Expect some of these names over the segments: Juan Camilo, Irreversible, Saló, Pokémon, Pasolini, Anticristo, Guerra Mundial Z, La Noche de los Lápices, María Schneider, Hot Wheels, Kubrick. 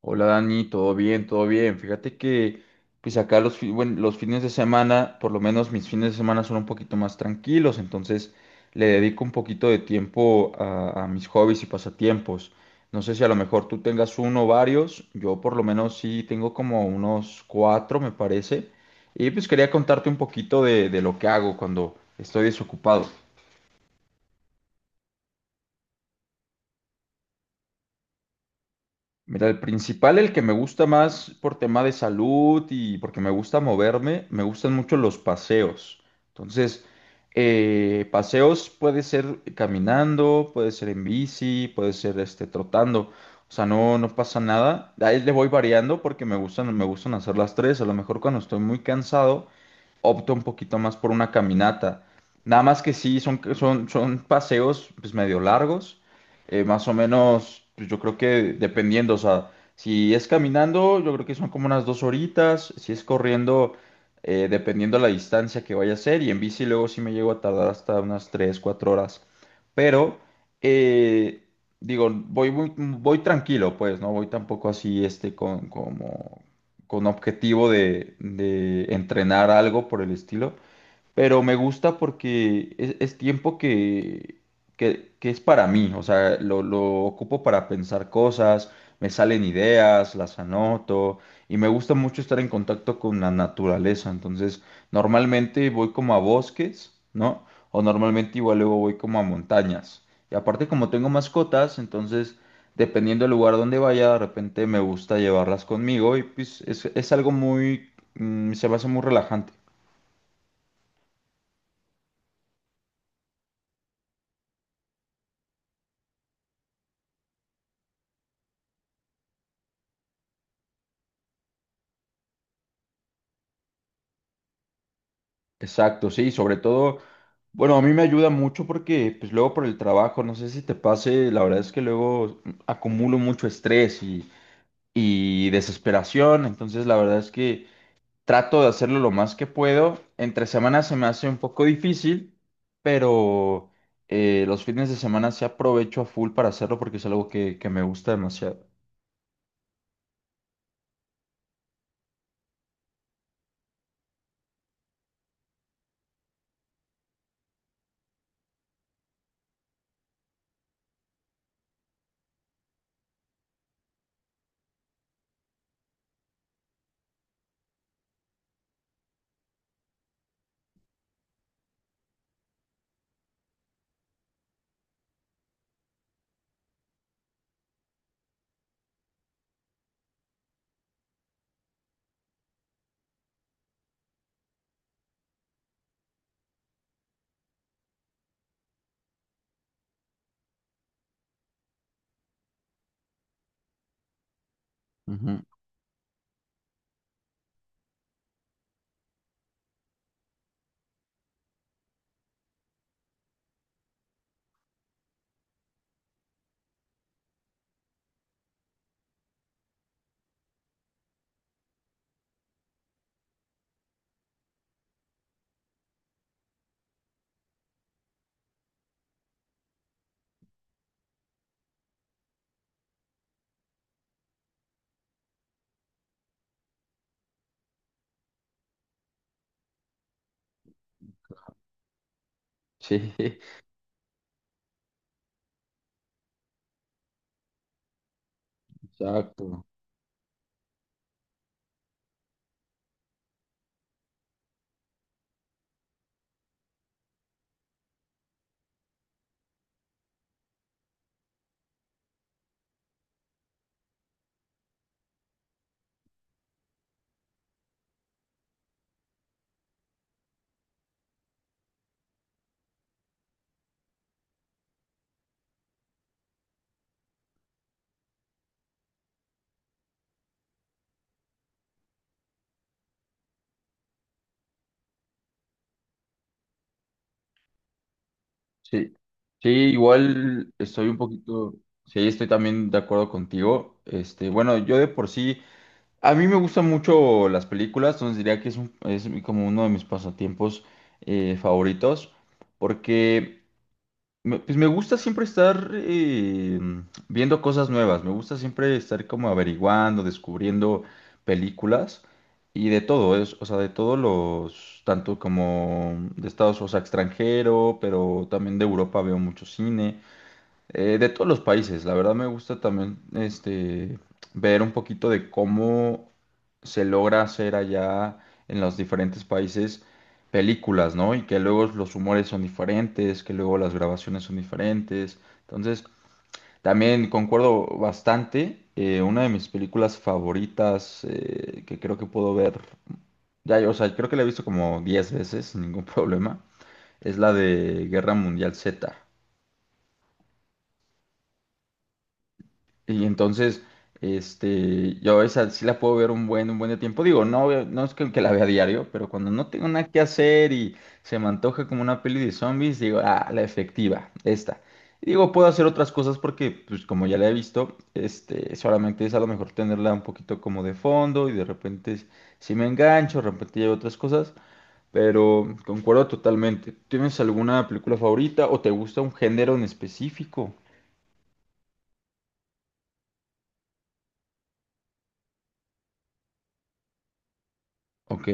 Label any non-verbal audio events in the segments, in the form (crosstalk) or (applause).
Hola Dani, todo bien, todo bien. Fíjate que pues acá los fines de semana, por lo menos mis fines de semana son un poquito más tranquilos, entonces le dedico un poquito de tiempo a mis hobbies y pasatiempos. No sé si a lo mejor tú tengas uno o varios, yo por lo menos sí tengo como unos cuatro, me parece. Y pues quería contarte un poquito de lo que hago cuando estoy desocupado. Mira, el principal, el que me gusta más por tema de salud y porque me gusta moverme, me gustan mucho los paseos. Entonces, paseos puede ser caminando, puede ser en bici, puede ser trotando. O sea, no, no pasa nada. Ahí le voy variando porque me gustan hacer las tres. A lo mejor cuando estoy muy cansado opto un poquito más por una caminata. Nada más que sí, son paseos pues medio largos, más o menos, pues, yo creo que dependiendo, o sea, si es caminando, yo creo que son como unas 2 horitas, si es corriendo, dependiendo la distancia que vaya a ser, y en bici luego sí me llego a tardar hasta unas 3, 4 horas. Pero, eh, digo, voy, tranquilo, pues, no voy tampoco así, este, con objetivo de entrenar algo por el estilo, pero me gusta porque es tiempo que es para mí, o sea, lo ocupo para pensar cosas, me salen ideas, las anoto, y me gusta mucho estar en contacto con la naturaleza, entonces normalmente voy como a bosques, ¿no? O normalmente igual luego voy como a montañas. Y aparte como tengo mascotas, entonces dependiendo del lugar donde vaya, de repente me gusta llevarlas conmigo, y pues es algo muy, mm, se me hace muy relajante. Exacto, sí, sobre todo, bueno, a mí me ayuda mucho porque pues luego por el trabajo, no sé si te pase, la verdad es que luego acumulo mucho estrés y desesperación, entonces la verdad es que trato de hacerlo lo más que puedo. Entre semanas se me hace un poco difícil, pero los fines de semana sí aprovecho a full para hacerlo porque es algo que me gusta demasiado. Ujú. Sí, (laughs) exacto. Sí, sí, igual sí, estoy también de acuerdo contigo. Bueno, yo de por sí, a mí me gustan mucho las películas, entonces diría que es como uno de mis pasatiempos favoritos, porque pues me gusta siempre estar viendo cosas nuevas, me gusta siempre estar como averiguando, descubriendo películas y de todo, es, o sea, de todos tanto como de Estados, o sea, extranjero, pero también de Europa veo mucho cine. De todos los países, la verdad me gusta también ver un poquito de cómo se logra hacer allá en los diferentes países películas, ¿no? Y que luego los humores son diferentes, que luego las grabaciones son diferentes. Entonces, también concuerdo bastante. Una de mis películas favoritas que creo que puedo ver, o sea, creo que la he visto como 10 veces sin ningún (laughs) problema, es la de Guerra Mundial Z. Y entonces, yo esa sí la puedo ver un buen de tiempo. Digo, no, no es que la vea a diario, pero cuando no tengo nada que hacer y se me antoja como una peli de zombies, digo, ah, la efectiva, esta. Y digo, puedo hacer otras cosas porque, pues, como ya la he visto, solamente es a lo mejor tenerla un poquito como de fondo, y de repente si me engancho, de repente llevo otras cosas, pero concuerdo totalmente. ¿Tienes alguna película favorita o te gusta un género en específico? Ok,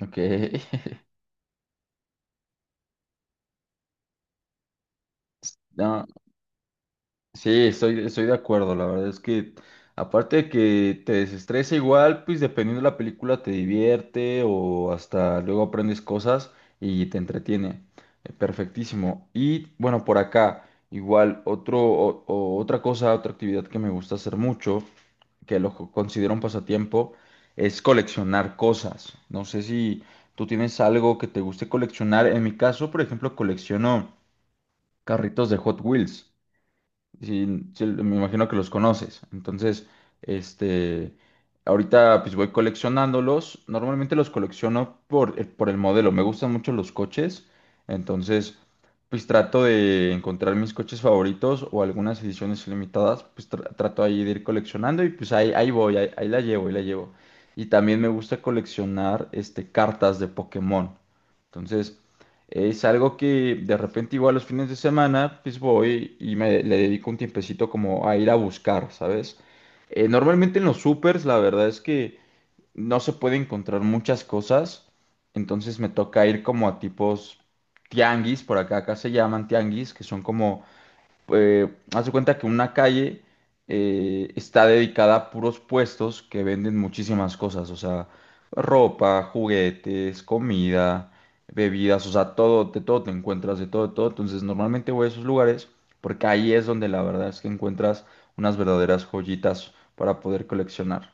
ok. (laughs) No, sí, estoy de acuerdo, la verdad es que aparte de que te desestresa igual, pues dependiendo de la película te divierte o hasta luego aprendes cosas y te entretiene. Perfectísimo. Y bueno, por acá, igual, o otra cosa, otra actividad que me gusta hacer mucho, que lo considero un pasatiempo, es coleccionar cosas. No sé si tú tienes algo que te guste coleccionar. En mi caso, por ejemplo, colecciono carritos de Hot Wheels. Sí, sí, me imagino que los conoces. Entonces, este, ahorita pues voy coleccionándolos. Normalmente los colecciono por el modelo. Me gustan mucho los coches. Entonces, pues trato de encontrar mis coches favoritos o algunas ediciones limitadas. Pues trato ahí de ir coleccionando y pues ahí, ahí voy, ahí, ahí la llevo, ahí la llevo. Y también me gusta coleccionar cartas de Pokémon. Entonces, es algo que de repente igual los fines de semana pues voy y me le dedico un tiempecito como a ir a buscar, ¿sabes? Normalmente en los supers la verdad es que no se puede encontrar muchas cosas, entonces me toca ir como a tipos tianguis, por acá se llaman tianguis, que son como haz de cuenta que una calle está dedicada a puros puestos que venden muchísimas cosas, o sea, ropa, juguetes, comida, bebidas, o sea, todo, de todo te encuentras, de todo, de todo. Entonces, normalmente voy a esos lugares porque ahí es donde la verdad es que encuentras unas verdaderas joyitas para poder coleccionar.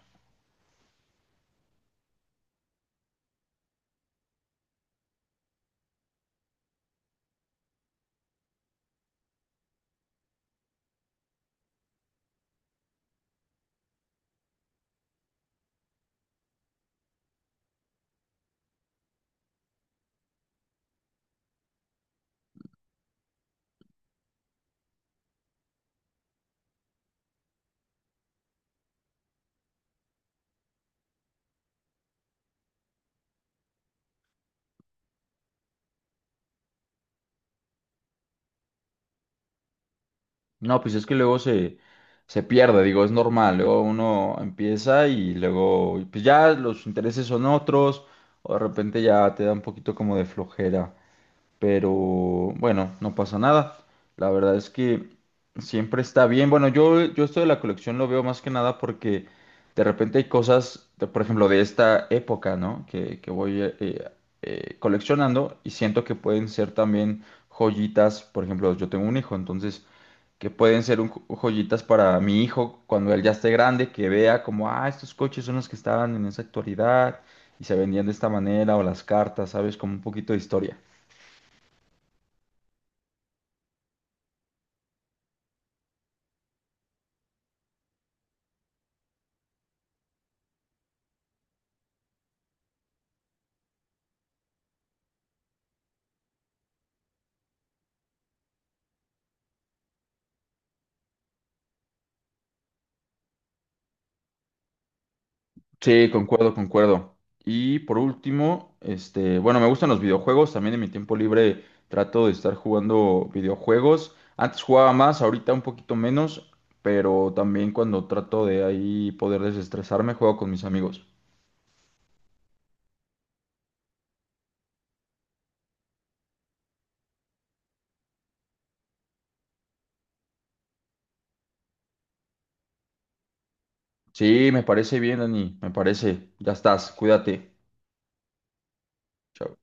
No, pues es que luego se pierde, digo, es normal. Luego uno empieza y luego, pues ya los intereses son otros, o de repente ya te da un poquito como de flojera. Pero bueno, no pasa nada. La verdad es que siempre está bien. Bueno, yo esto de la colección lo veo más que nada porque de repente hay cosas, por ejemplo, de esta época, ¿no? Que voy coleccionando y siento que pueden ser también joyitas. Por ejemplo, yo tengo un hijo, entonces que pueden ser joyitas para mi hijo cuando él ya esté grande, que vea como, ah, estos coches son los que estaban en esa actualidad y se vendían de esta manera, o las cartas, ¿sabes? Como un poquito de historia. Sí, concuerdo, concuerdo. Y por último, bueno, me gustan los videojuegos. También en mi tiempo libre trato de estar jugando videojuegos. Antes jugaba más, ahorita un poquito menos, pero también cuando trato de ahí poder desestresarme, juego con mis amigos. Sí, me parece bien, Dani, me parece. Ya estás, cuídate. Chao.